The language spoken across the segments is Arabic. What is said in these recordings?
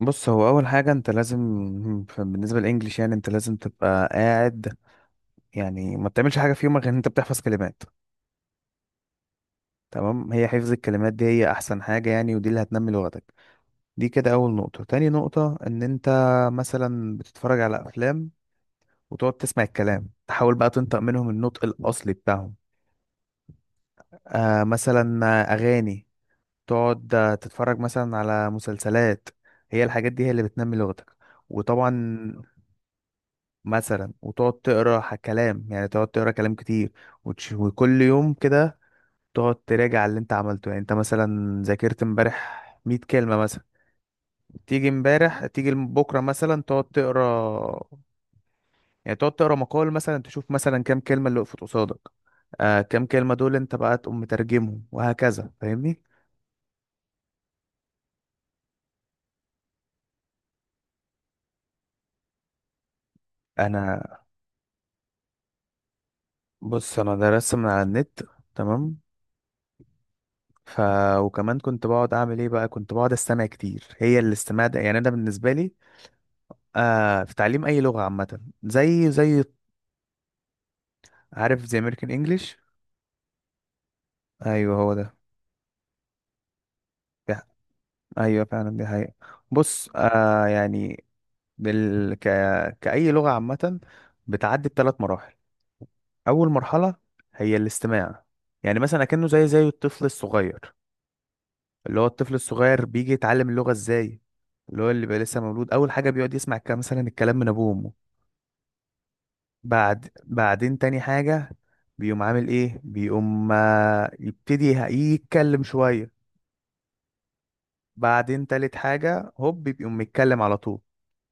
بص هو اول حاجه انت لازم، بالنسبه للانجليش، يعني انت لازم تبقى قاعد. يعني ما بتعملش حاجه في يومك غير ان انت بتحفظ كلمات. تمام، هي حفظ الكلمات دي هي احسن حاجه يعني، ودي اللي هتنمي لغتك. دي كده اول نقطه. تاني نقطه ان انت مثلا بتتفرج على افلام، وتقعد تسمع الكلام، تحاول بقى تنطق منهم النطق الاصلي بتاعهم. مثلا اغاني، تقعد تتفرج مثلا على مسلسلات. هي الحاجات دي هي اللي بتنمي لغتك. وطبعا مثلا وتقعد تقرا كلام، يعني تقعد تقرا كلام كتير وكل يوم كده تقعد تراجع اللي انت عملته. يعني انت مثلا ذاكرت امبارح 100 كلمة مثلا، تيجي امبارح تيجي بكرة مثلا تقعد تقرا، يعني تقعد تقرا مقال مثلا، تشوف مثلا كام كلمة اللي وقفت قصادك. كام كلمة دول انت بقى تقوم مترجمهم وهكذا. فاهمني؟ انا بص انا درست من على النت. تمام. ف وكمان كنت بقعد اعمل ايه بقى، كنت بقعد استمع كتير. هي الاستماع ده يعني انا بالنسبة لي، في تعليم اي لغه عامه زي عارف، زي امريكان انجلش. ايوه هو ده. دي ح- ايوه فعلا دي حقيقه. بص يعني، بال... ك... كاي لغه عامه بتعدي بثلاث مراحل. اول مرحله هي الاستماع، يعني مثلا اكنه زي الطفل الصغير. اللي هو الطفل الصغير بيجي يتعلم اللغه ازاي؟ اللي هو اللي بقى لسه مولود، اول حاجه بيقعد يسمع كده مثلا الكلام من ابوه وامه. بعدين تاني حاجة بيقوم عامل ايه، بيقوم يبتدي يتكلم شوية. بعدين تالت حاجة هوب بيقوم متكلم على طول.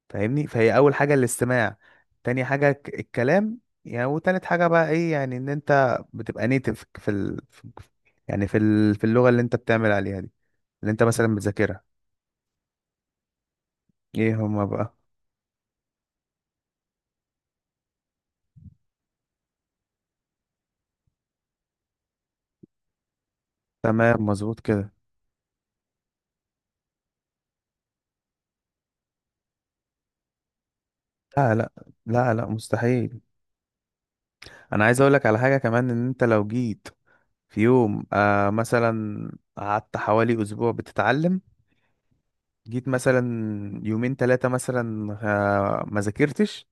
فاهمني؟ فهي أول حاجة الاستماع، تاني حاجة الكلام يعني، وتالت حاجة بقى ايه؟ يعني ان انت بتبقى نيتف يعني في اللغة اللي انت بتعمل عليها دي، اللي انت مثلا بتذاكرها. ايه هما بقى؟ تمام مظبوط كده. لا لا لا لا مستحيل. انا عايز اقولك على حاجة كمان، ان انت لو جيت في يوم مثلا قعدت حوالي أسبوع بتتعلم، جيت مثلا يومين ثلاثة مثلا ما ذاكرتش،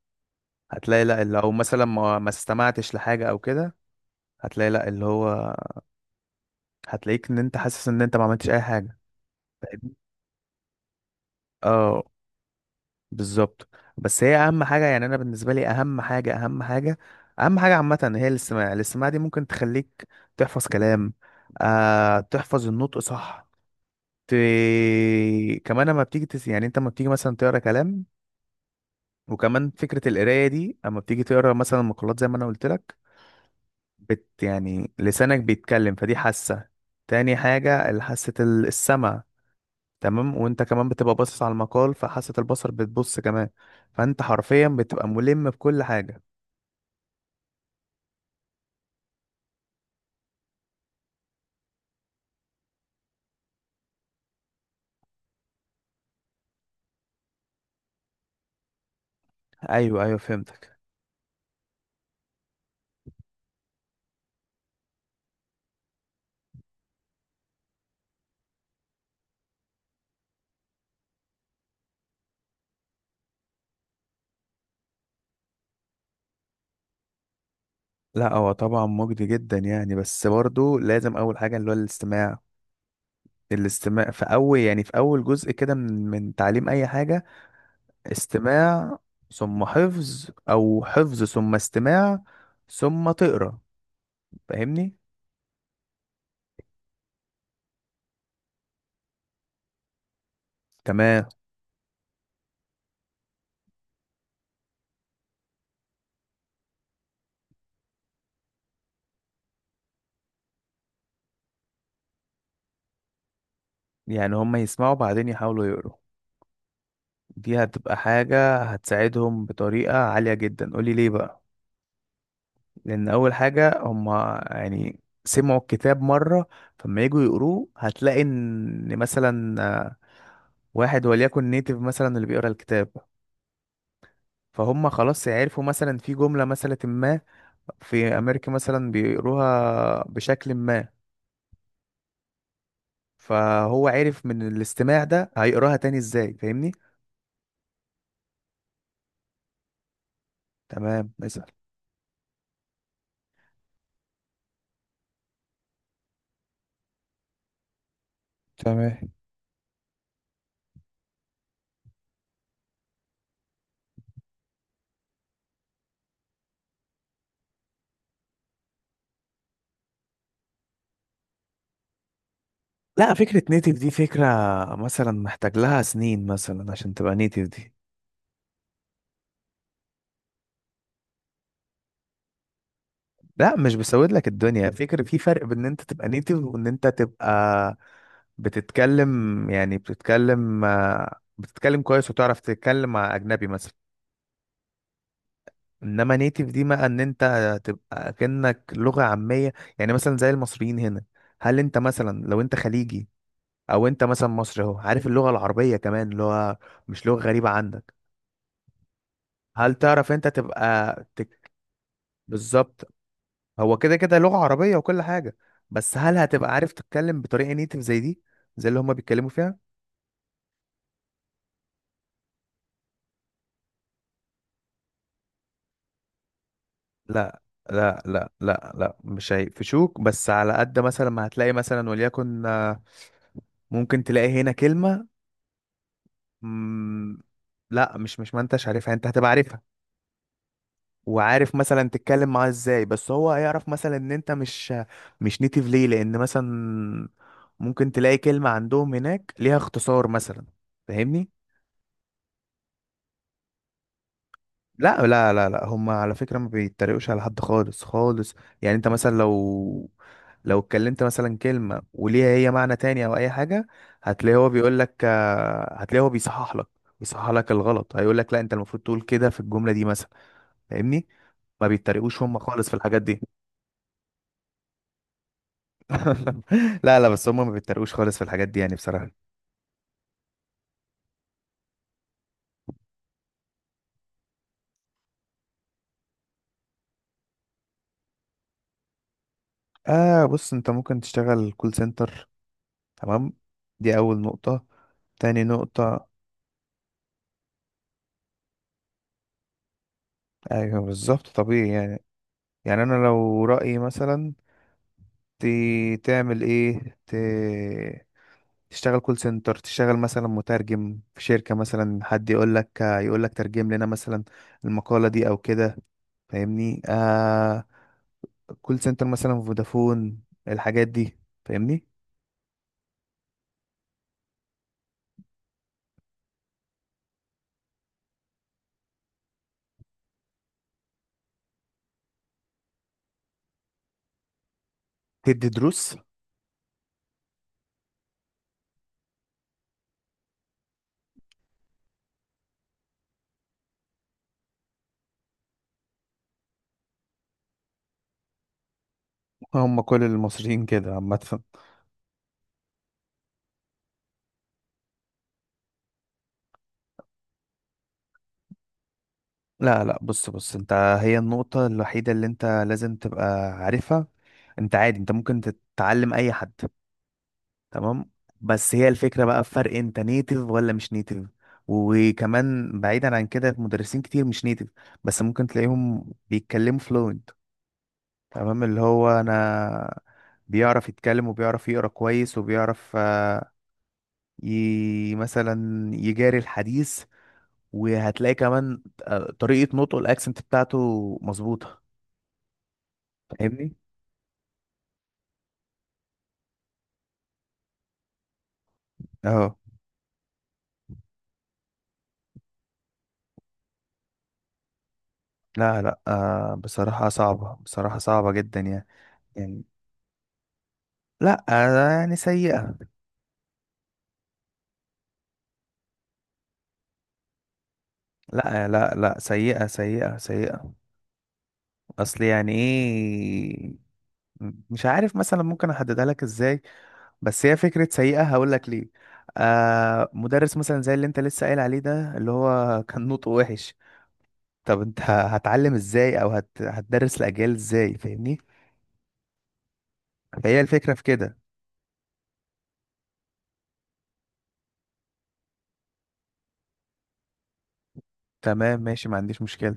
هتلاقي لا اللي أو مثلا ما استمعتش لحاجة أو كده. هتلاقي لا اللي هو، هتلاقيك إن أنت حاسس إن أنت ما عملتش أي حاجة. فاهمني؟ اه بالظبط. بس هي أهم حاجة، يعني أنا بالنسبة لي أهم حاجة، أهم حاجة، أهم حاجة عامة هي الاستماع. الاستماع دي ممكن تخليك تحفظ كلام، تحفظ النطق صح. ت... كمان اما بتيجي يعني انت اما بتيجي مثلا تقرا كلام، وكمان فكرة القراية دي اما بتيجي تقرا مثلا مقالات زي ما انا قلت لك، يعني لسانك بيتكلم فدي حاسة. تاني حاجة حاسة السمع. تمام وانت كمان بتبقى باصص على المقال فحاسة البصر بتبص كمان. فانت حرفيا بتبقى ملم بكل حاجة. ايوه ايوه فهمتك. لا هو طبعا مجدي جدا يعني، بس برضو لازم اول حاجة اللي هو الاستماع. الاستماع في اول، يعني في اول جزء كده من تعليم اي حاجة. استماع ثم حفظ، او حفظ ثم استماع، ثم تقرا. فاهمني؟ تمام يعني هما يسمعوا بعدين يحاولوا يقروا. دي هتبقى حاجة هتساعدهم بطريقة عالية جدا. قولي ليه بقى. لأن أول حاجة هما يعني سمعوا الكتاب مرة، فما يجوا يقروه هتلاقي إن مثلا واحد وليكن نيتيف مثلا اللي بيقرا الكتاب. فهم خلاص يعرفوا مثلا في جملة مثلا ما في امريكا مثلا بيقروها بشكل ما، فهو عرف من الاستماع ده هيقراها تاني ازاي. فاهمني؟ تمام مثلا. تمام. لا فكرة نيتيف دي فكرة مثلا محتاج لها سنين مثلا عشان تبقى نيتيف دي. لا مش بسود لك الدنيا، فكرة في فرق بين ان انت تبقى نيتيف وان انت تبقى بتتكلم، يعني بتتكلم بتتكلم كويس وتعرف تتكلم مع اجنبي مثلا. انما نيتيف دي بقى ان انت تبقى كأنك لغة عامية، يعني مثلا زي المصريين هنا. هل انت مثلا لو انت خليجي او انت مثلا مصري اهو، عارف اللغة العربية كمان، اللي هو مش لغة غريبة عندك. هل تعرف انت تبقى بالظبط. هو كده كده لغة عربية وكل حاجة. بس هل هتبقى عارف تتكلم بطريقة نيتيف زي دي، زي اللي هما بيتكلموا فيها. لا لا لا لا لا، مش هيقفشوك. بس على قد مثلا ما هتلاقي مثلا وليكن ممكن تلاقي هنا كلمة مم... لا مش ما انتش عارفها، انت هتبقى عارفها وعارف مثلا تتكلم معاه ازاي. بس هو هيعرف مثلا ان انت مش نيتيف. ليه؟ لان مثلا ممكن تلاقي كلمة عندهم هناك ليها اختصار مثلا. فاهمني؟ لا لا لا لا، هم على فكرة ما بيتريقوش على حد خالص خالص. يعني انت مثلا لو اتكلمت مثلا كلمة وليها هي معنى تاني او اي حاجة، هتلاقيه هو بيقول لك، هتلاقيه هو بيصحح لك، بيصحح لك الغلط. هيقول لك لا انت المفروض تقول كده في الجملة دي مثلا. فاهمني؟ ما بيتريقوش هم خالص في الحاجات دي. لا لا، بس هم ما بيتريقوش خالص في الحاجات دي يعني بصراحة. بص انت ممكن تشتغل كول سنتر. تمام، دي اول نقطة. تاني نقطة ايوه بالظبط طبيعي يعني. يعني انا لو رأيي مثلا، ت... تعمل ايه، ت... تشتغل كول سنتر، تشتغل مثلا مترجم في شركة مثلا. حد يقول لك يقول لك ترجم لنا مثلا المقالة دي او كده. فاهمني؟ كول سنتر مثلا فودافون، الحاجات دي. فاهمني؟ تدي دروس. هم كل المصريين كده عامة. لا لا بص بص انت هي النقطة الوحيدة اللي انت لازم تبقى عارفها. انت عادي انت ممكن تتعلم اي حد. تمام. بس هي الفكرة بقى، في فرق انت نيتف ولا مش نيتف. وكمان بعيدا عن كده، مدرسين كتير مش نيتف بس ممكن تلاقيهم بيتكلموا فلوينت. تمام اللي هو انا بيعرف يتكلم وبيعرف يقرا كويس وبيعرف مثلا يجاري الحديث. وهتلاقي كمان طريقة نطقه الاكسنت بتاعته مظبوطة. فاهمني؟ اه. لا لا بصراحة صعبة، بصراحة صعبة جدا يعني. يعني لا يعني سيئة. لا لا لا، سيئة سيئة سيئة. اصل يعني ايه؟ مش عارف مثلا ممكن احددها لك ازاي، بس هي فكرة سيئة. هقول لك ليه. مدرس مثلا زي اللي انت لسه قايل عليه ده، اللي هو كان نطقه وحش. طب انت هتعلم ازاي او هتدرس الاجيال ازاي؟ فاهمني؟ فهي الفكره في كده. تمام ماشي ما عنديش مشكله.